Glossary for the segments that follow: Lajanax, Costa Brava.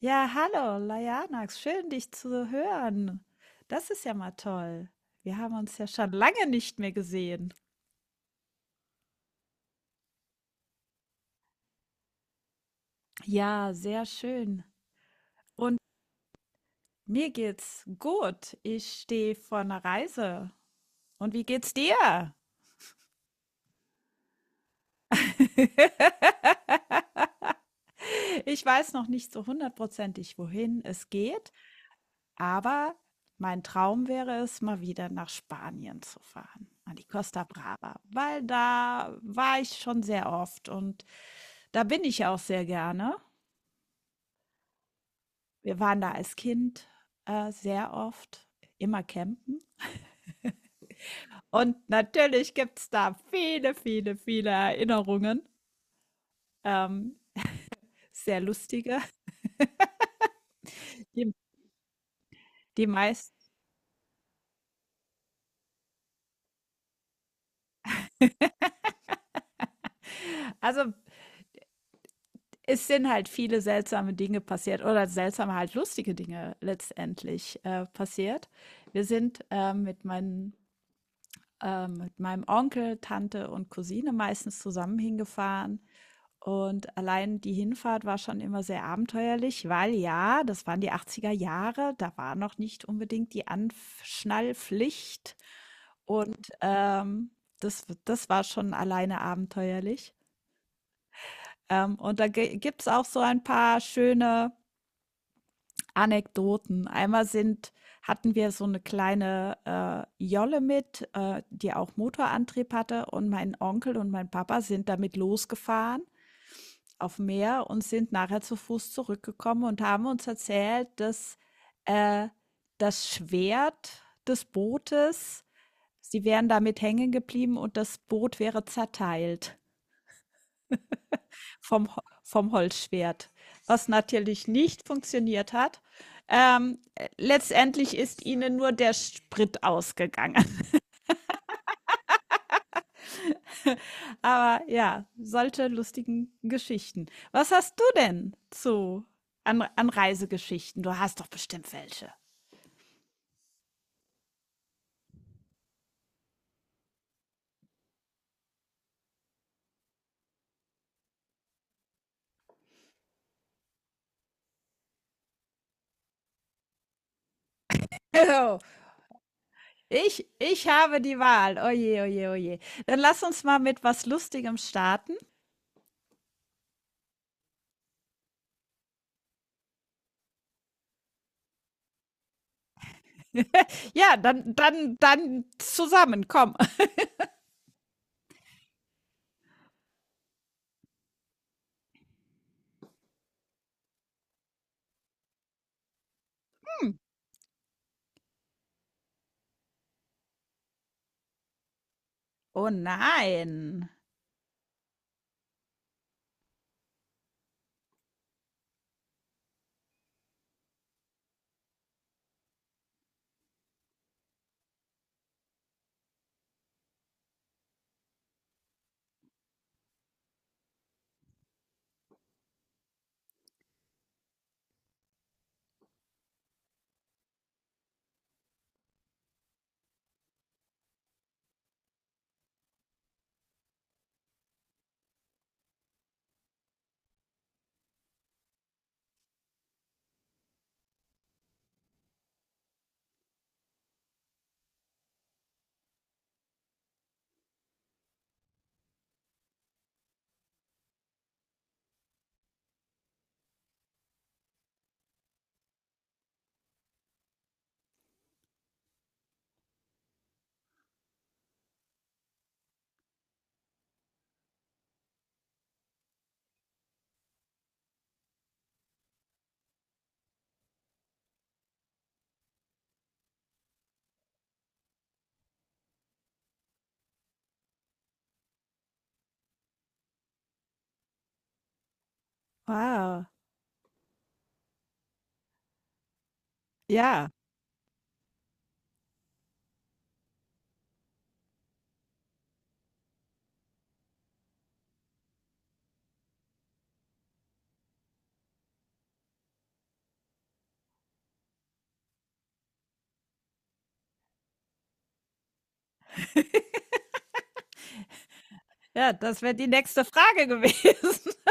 Ja, hallo, Lajanax, schön dich zu hören. Das ist ja mal toll. Wir haben uns ja schon lange nicht mehr gesehen. Ja, sehr schön. Mir geht's gut. Ich stehe vor einer Reise. Und wie geht's dir? Ich weiß noch nicht so hundertprozentig, wohin es geht, aber mein Traum wäre es, mal wieder nach Spanien zu fahren, an die Costa Brava, weil da war ich schon sehr oft und da bin ich auch sehr gerne. Wir waren da als Kind, sehr oft, immer campen. Und natürlich gibt's da viele, viele, viele Erinnerungen, ähm, sehr lustige. die die meisten also, es sind halt viele seltsame Dinge passiert oder seltsame, halt lustige Dinge letztendlich passiert. Wir sind mit meinem Onkel, Tante und Cousine meistens zusammen hingefahren. Und allein die Hinfahrt war schon immer sehr abenteuerlich, weil ja, das waren die 80er Jahre, da war noch nicht unbedingt die Anschnallpflicht. Und das war schon alleine abenteuerlich. Und da gibt es auch so ein paar schöne Anekdoten. Einmal hatten wir so eine kleine Jolle mit die auch Motorantrieb hatte. Und mein Onkel und mein Papa sind damit losgefahren aufm Meer und sind nachher zu Fuß zurückgekommen und haben uns erzählt, dass, äh, das Schwert des Bootes sie wären damit hängen geblieben und das Boot wäre zerteilt vom vom Holzschwert, was natürlich nicht funktioniert hat. Letztendlich ist ihnen nur der Sprit ausgegangen. Aber ja, solche lustigen Geschichten. Was hast du denn zu an an Reisegeschichten? Du hast doch bestimmt welche. Oh, ich habe die Wahl. Oh je, oh, oh. Dann lass uns mal mit was Lustigem starten. Ja, dann zusammen, komm. Oh nein. Wow. Ja, ja, das wäre die nächste Frage gewesen.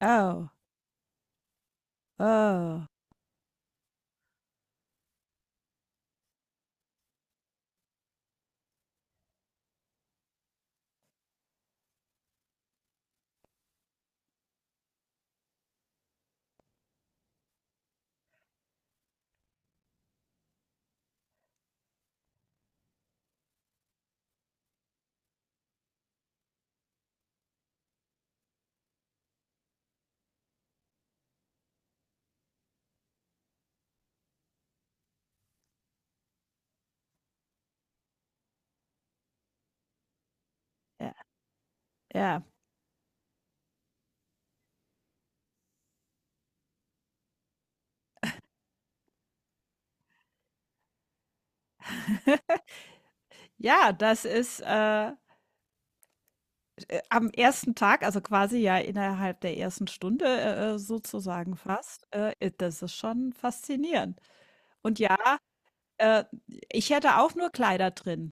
Oh, oh. Ja, ja. Ja, das ist am ersten Tag, also quasi ja innerhalb der ersten Stunde sozusagen fast. Das ist schon faszinierend. Und ja, äh, ich hätte auch nur Kleider drin.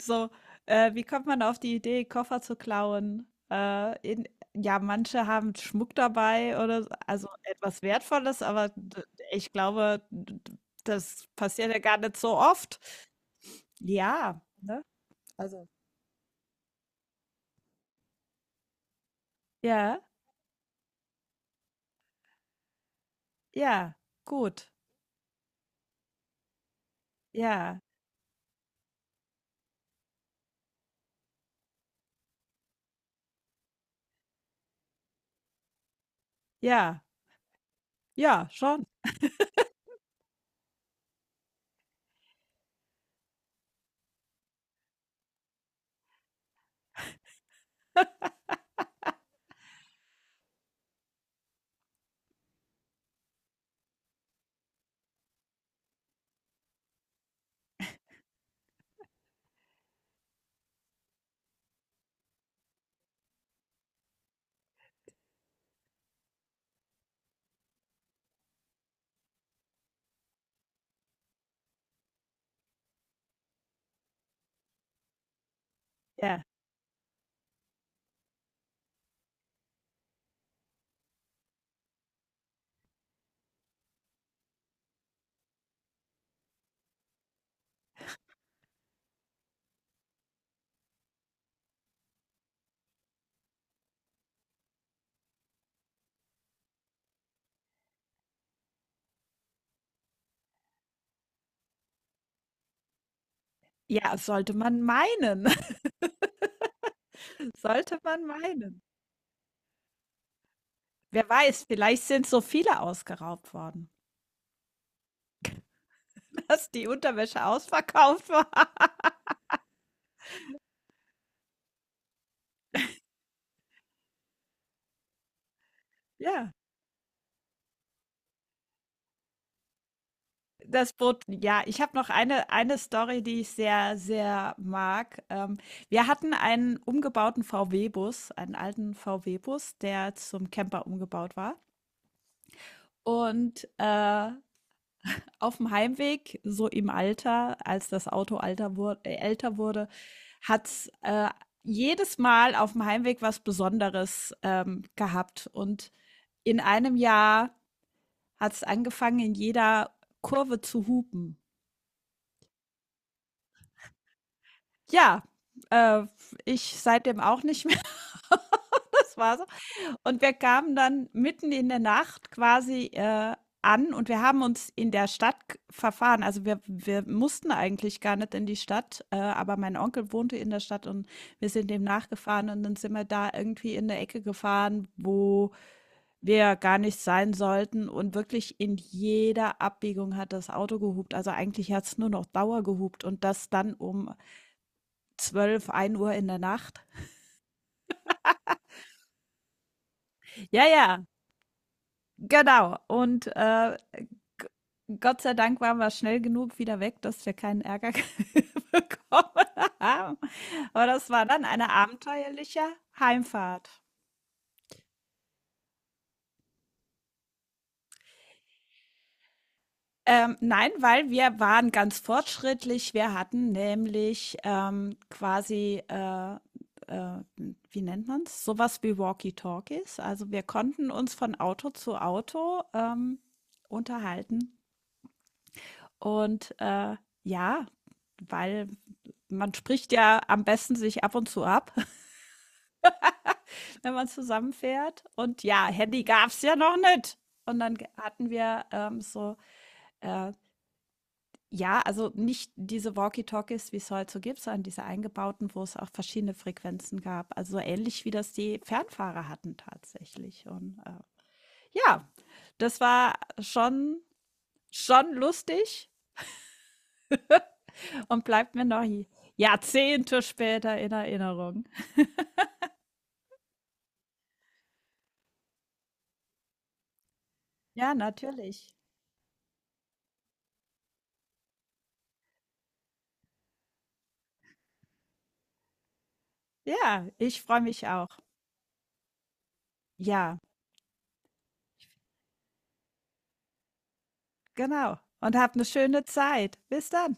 So wie kommt man auf die Idee, Koffer zu klauen? Ja, manche haben Schmuck dabei oder also etwas Wertvolles, aber ich glaube, das passiert ja gar nicht so oft. Ja, ne? Also. Ja, ja, gut. Ja, ja, ja, schon. Ja, ja, sollte man meinen. Sollte man meinen. Wer weiß, vielleicht sind so viele ausgeraubt worden, dass die Unterwäsche ausverkauft war. Ja, das Boot ja, ich habe noch eine Story, die ich sehr, sehr mag. Wir hatten einen umgebauten VW-Bus, einen alten VW-Bus, der zum Camper umgebaut war. Und auf dem Heimweg, so im Alter, als das Auto alter wur älter wurde, hat's jedes Mal auf dem Heimweg was Besonderes gehabt. Und in einem Jahr hat's angefangen, in jeder Kurve zu hupen. Ja, äh, ich seitdem auch nicht mehr. Das war so. Und wir kamen dann mitten in der Nacht quasi an und wir haben uns in der Stadt g verfahren. Also, wir mussten eigentlich gar nicht in die Stadt aber mein Onkel wohnte in der Stadt und wir sind dem nachgefahren und dann sind wir da irgendwie in 'ne Ecke gefahren, wo wir gar nicht sein sollten und wirklich in jeder Abbiegung hat das Auto gehupt. Also, eigentlich hat es nur noch Dauer gehupt und das dann um 12, 1 Uhr in der Nacht. Ja, ja. Genau. Und g- Gott sei Dank waren wir schnell genug wieder weg, dass wir keinen Ärger bekommen haben. Aber das war dann eine abenteuerliche Heimfahrt. Nein, weil wir waren ganz fortschrittlich. Wir hatten nämlich quasiäh, wie nennt man es, sowas wie Walkie-Talkies. Also wir konnten uns von Auto zu Auto unterhalten. Und ja, weil man spricht ja am besten sich ab und zu ab, wenn man zusammenfährt. Und ja, Handy gab's ja noch nicht. Und dann hatten wir so, äh, ja, also nicht diese Walkie-Talkies, wie es heute so gibt, sondern diese eingebauten, wo es auch verschiedene Frequenzen gab. Also so ähnlich wie das die Fernfahrer hatten tatsächlich. Und ja, das war schon, schon lustig und bleibt mir noch Jahrzehnte später in Erinnerung. Ja, natürlich. Ja, ich freue mich auch. Ja, genau. Und hab 'ne schöne Zeit. Bis dann.